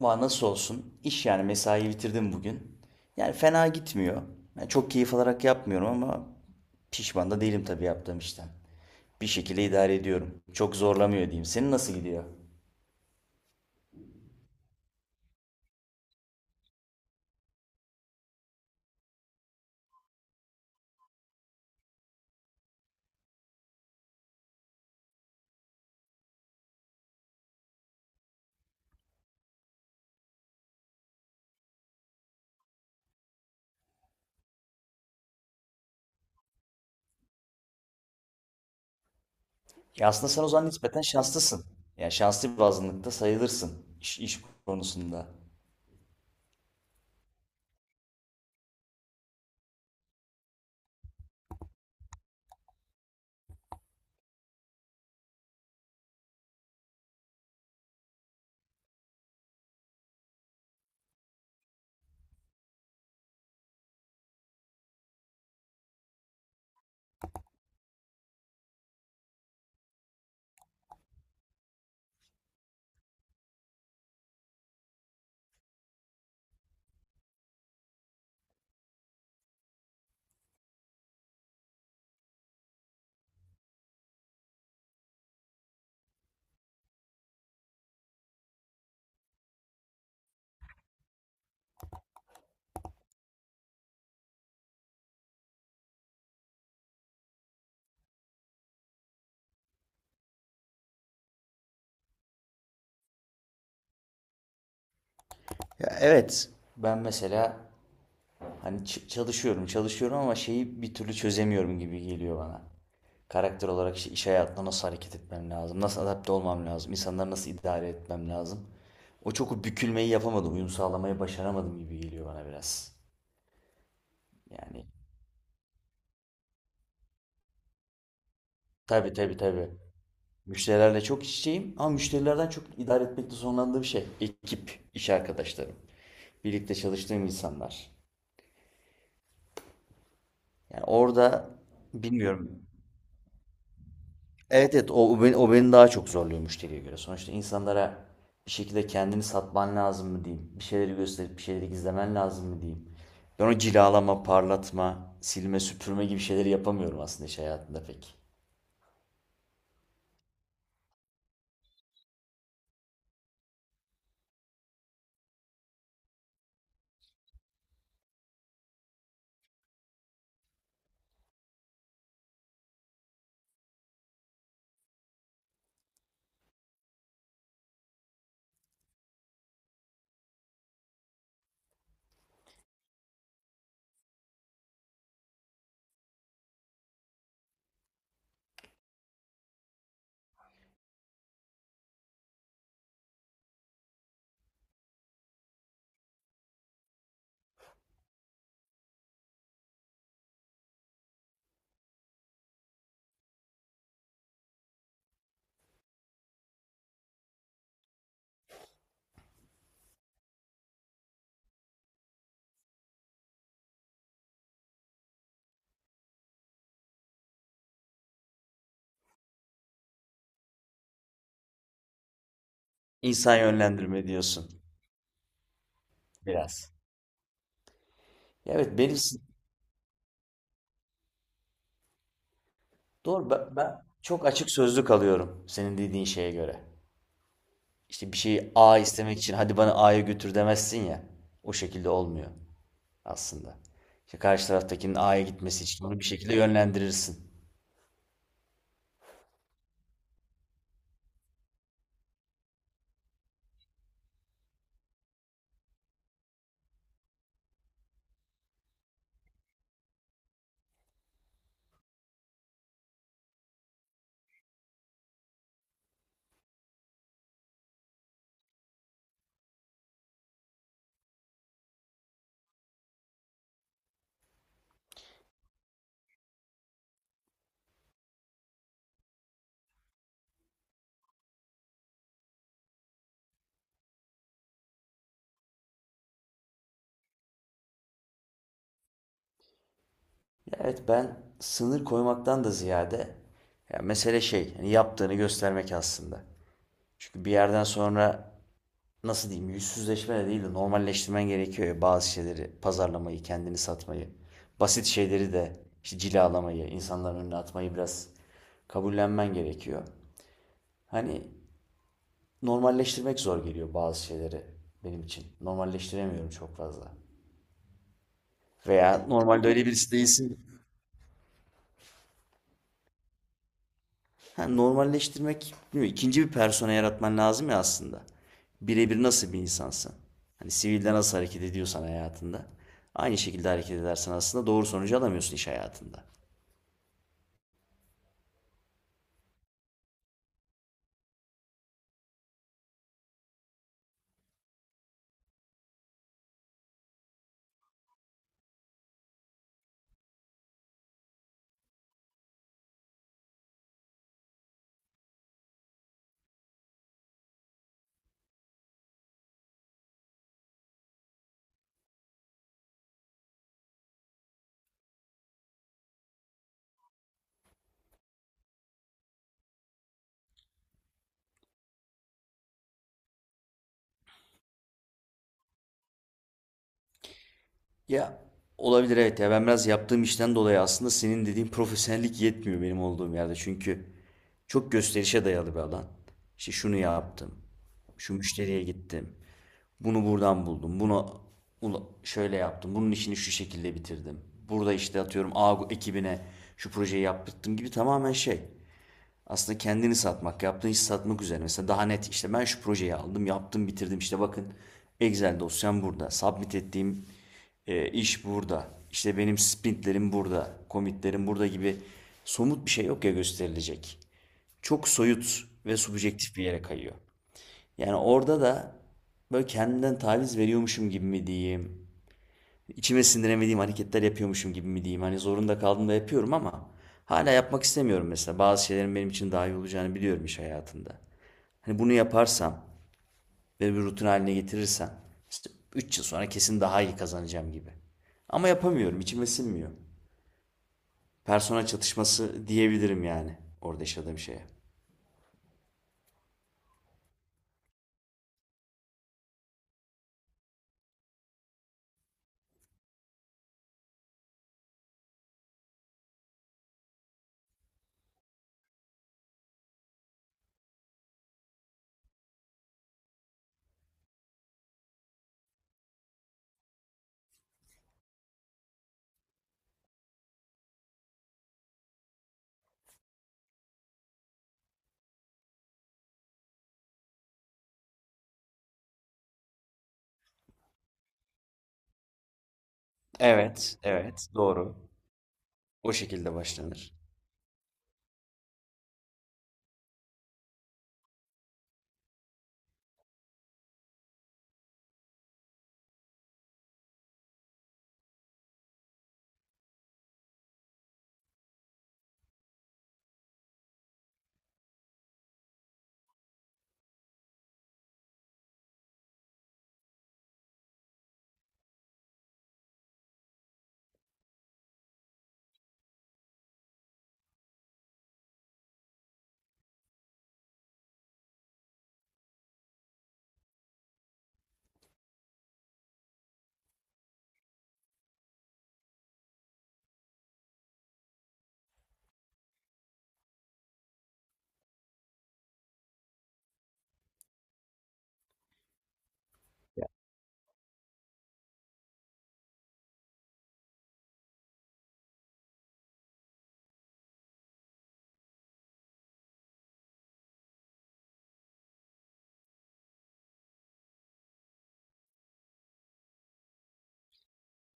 Ama nasıl olsun? İş yani mesai bitirdim bugün. Yani fena gitmiyor. Yani çok keyif alarak yapmıyorum ama pişman da değilim tabii yaptığım işten. Bir şekilde idare ediyorum. Çok zorlamıyor diyeyim. Senin nasıl gidiyor? Ya aslında sen o zaman nispeten şanslısın. Yani şanslı bir azınlıkta sayılırsın iş konusunda. Ya evet. Ben mesela hani çalışıyorum, çalışıyorum ama şeyi bir türlü çözemiyorum gibi geliyor bana. Karakter olarak işte iş hayatında nasıl hareket etmem lazım, nasıl adapte olmam lazım, insanları nasıl idare etmem lazım. O çok o bükülmeyi yapamadım, uyum sağlamayı başaramadım gibi geliyor bana biraz. Yani tabii, tabii, tabii. Müşterilerle çok iç içeyim ama müşterilerden çok idare etmekte zorlandığım şey ekip, iş arkadaşlarım, birlikte çalıştığım insanlar. Yani orada bilmiyorum. Evet, evet, o beni daha çok zorluyor müşteriye göre. Sonuçta insanlara bir şekilde kendini satman lazım mı diyeyim. Bir şeyleri gösterip bir şeyleri gizlemen lazım mı diyeyim. Ben o cilalama, parlatma, silme, süpürme gibi şeyleri yapamıyorum aslında iş hayatında pek. İnsan yönlendirme diyorsun biraz. Ya evet, benim doğru, ben çok açık sözlü kalıyorum senin dediğin şeye göre. İşte bir şeyi A istemek için hadi bana A'ya götür demezsin ya. O şekilde olmuyor aslında. İşte karşı taraftakinin A'ya gitmesi için onu bir şekilde yönlendirirsin. Ya evet, ben sınır koymaktan da ziyade ya mesele şey, hani yaptığını göstermek aslında. Çünkü bir yerden sonra nasıl diyeyim, yüzsüzleşme de değil de normalleştirmen gerekiyor ya bazı şeyleri, pazarlamayı, kendini satmayı. Basit şeyleri de işte cilalamayı, insanların önüne atmayı biraz kabullenmen gerekiyor. Hani normalleştirmek zor geliyor bazı şeyleri benim için. Normalleştiremiyorum çok fazla. Veya normalde öyle birisi değilsin. Ha, normalleştirmek, bilmiyorum, ikinci bir persona yaratman lazım ya aslında. Birebir nasıl bir insansın? Hani sivilde nasıl hareket ediyorsan hayatında. Aynı şekilde hareket edersen aslında doğru sonucu alamıyorsun iş hayatında. Ya olabilir evet, ya ben biraz yaptığım işten dolayı aslında senin dediğin profesyonellik yetmiyor benim olduğum yerde. Çünkü çok gösterişe dayalı bir alan. İşte şunu yaptım. Şu müşteriye gittim. Bunu buradan buldum. Bunu şöyle yaptım. Bunun işini şu şekilde bitirdim. Burada işte atıyorum A ekibine şu projeyi yaptırdım gibi tamamen şey. Aslında kendini satmak, yaptığın işi satmak üzerine. Mesela daha net işte ben şu projeyi aldım, yaptım, bitirdim. İşte bakın, Excel dosyam burada. Submit ettiğim iş burada. İşte benim sprintlerim burada, commitlerim burada gibi somut bir şey yok ya gösterilecek. Çok soyut ve subjektif bir yere kayıyor. Yani orada da böyle kendimden taviz veriyormuşum gibi mi diyeyim, içime sindiremediğim hareketler yapıyormuşum gibi mi diyeyim. Hani zorunda kaldım da yapıyorum ama hala yapmak istemiyorum mesela. Bazı şeylerin benim için daha iyi olacağını biliyorum iş hayatında. Hani bunu yaparsam ve bir rutin haline getirirsem işte 3 yıl sonra kesin daha iyi kazanacağım gibi. Ama yapamıyorum, içime sinmiyor. Persona çatışması diyebilirim yani orada yaşadığım şeye. Evet, evet, doğru. O şekilde başlanır. Ya.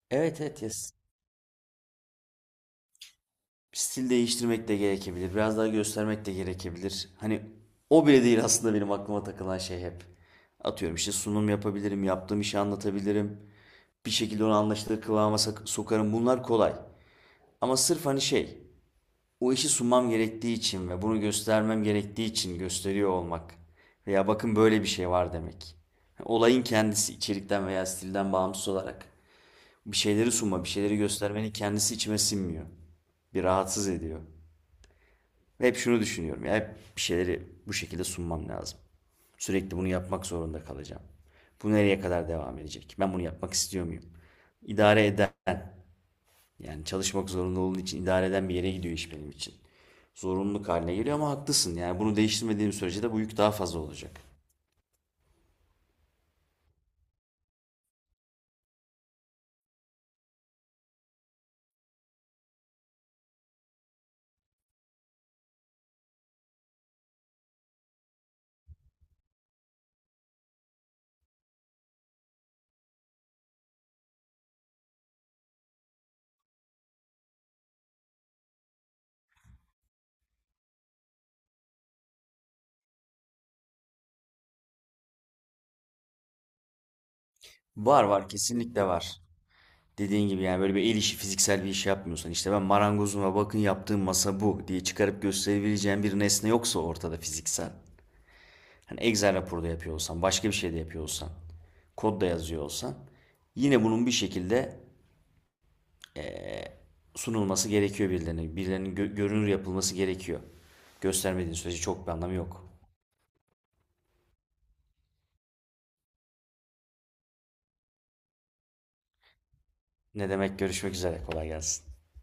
Evet, evet, ya stil değiştirmek de gerekebilir. Biraz daha göstermek de gerekebilir. Hani o bile değil aslında benim aklıma takılan şey hep. Atıyorum işte sunum yapabilirim, yaptığım işi anlatabilirim. Bir şekilde onu anlaşılır kıvama sokarım. Bunlar kolay. Ama sırf hani şey, o işi sunmam gerektiği için ve bunu göstermem gerektiği için gösteriyor olmak. Veya bakın böyle bir şey var demek. Olayın kendisi içerikten veya stilden bağımsız olarak bir şeyleri sunma, bir şeyleri göstermenin kendisi içime sinmiyor. Bir rahatsız ediyor. Ve hep şunu düşünüyorum. Ya hep bir şeyleri bu şekilde sunmam lazım. Sürekli bunu yapmak zorunda kalacağım. Bu nereye kadar devam edecek? Ben bunu yapmak istiyor muyum? İdare eder. Yani çalışmak zorunda olduğu için idare eden bir yere gidiyor iş benim için. Zorunluluk haline geliyor ama haklısın. Yani bunu değiştirmediğim sürece de bu yük daha fazla olacak. Var, var, kesinlikle var. Dediğin gibi yani böyle bir el işi, fiziksel bir iş yapmıyorsan, işte ben marangozuma bakın yaptığım masa bu diye çıkarıp gösterebileceğin bir nesne yoksa ortada fiziksel. Hani Excel raporu da yapıyor olsan, başka bir şey de yapıyor olsan, kod da yazıyor olsan yine bunun bir şekilde sunulması gerekiyor birilerine. Birilerinin görünür yapılması gerekiyor. Göstermediğin sürece çok bir anlamı yok. Ne demek, görüşmek üzere, kolay gelsin.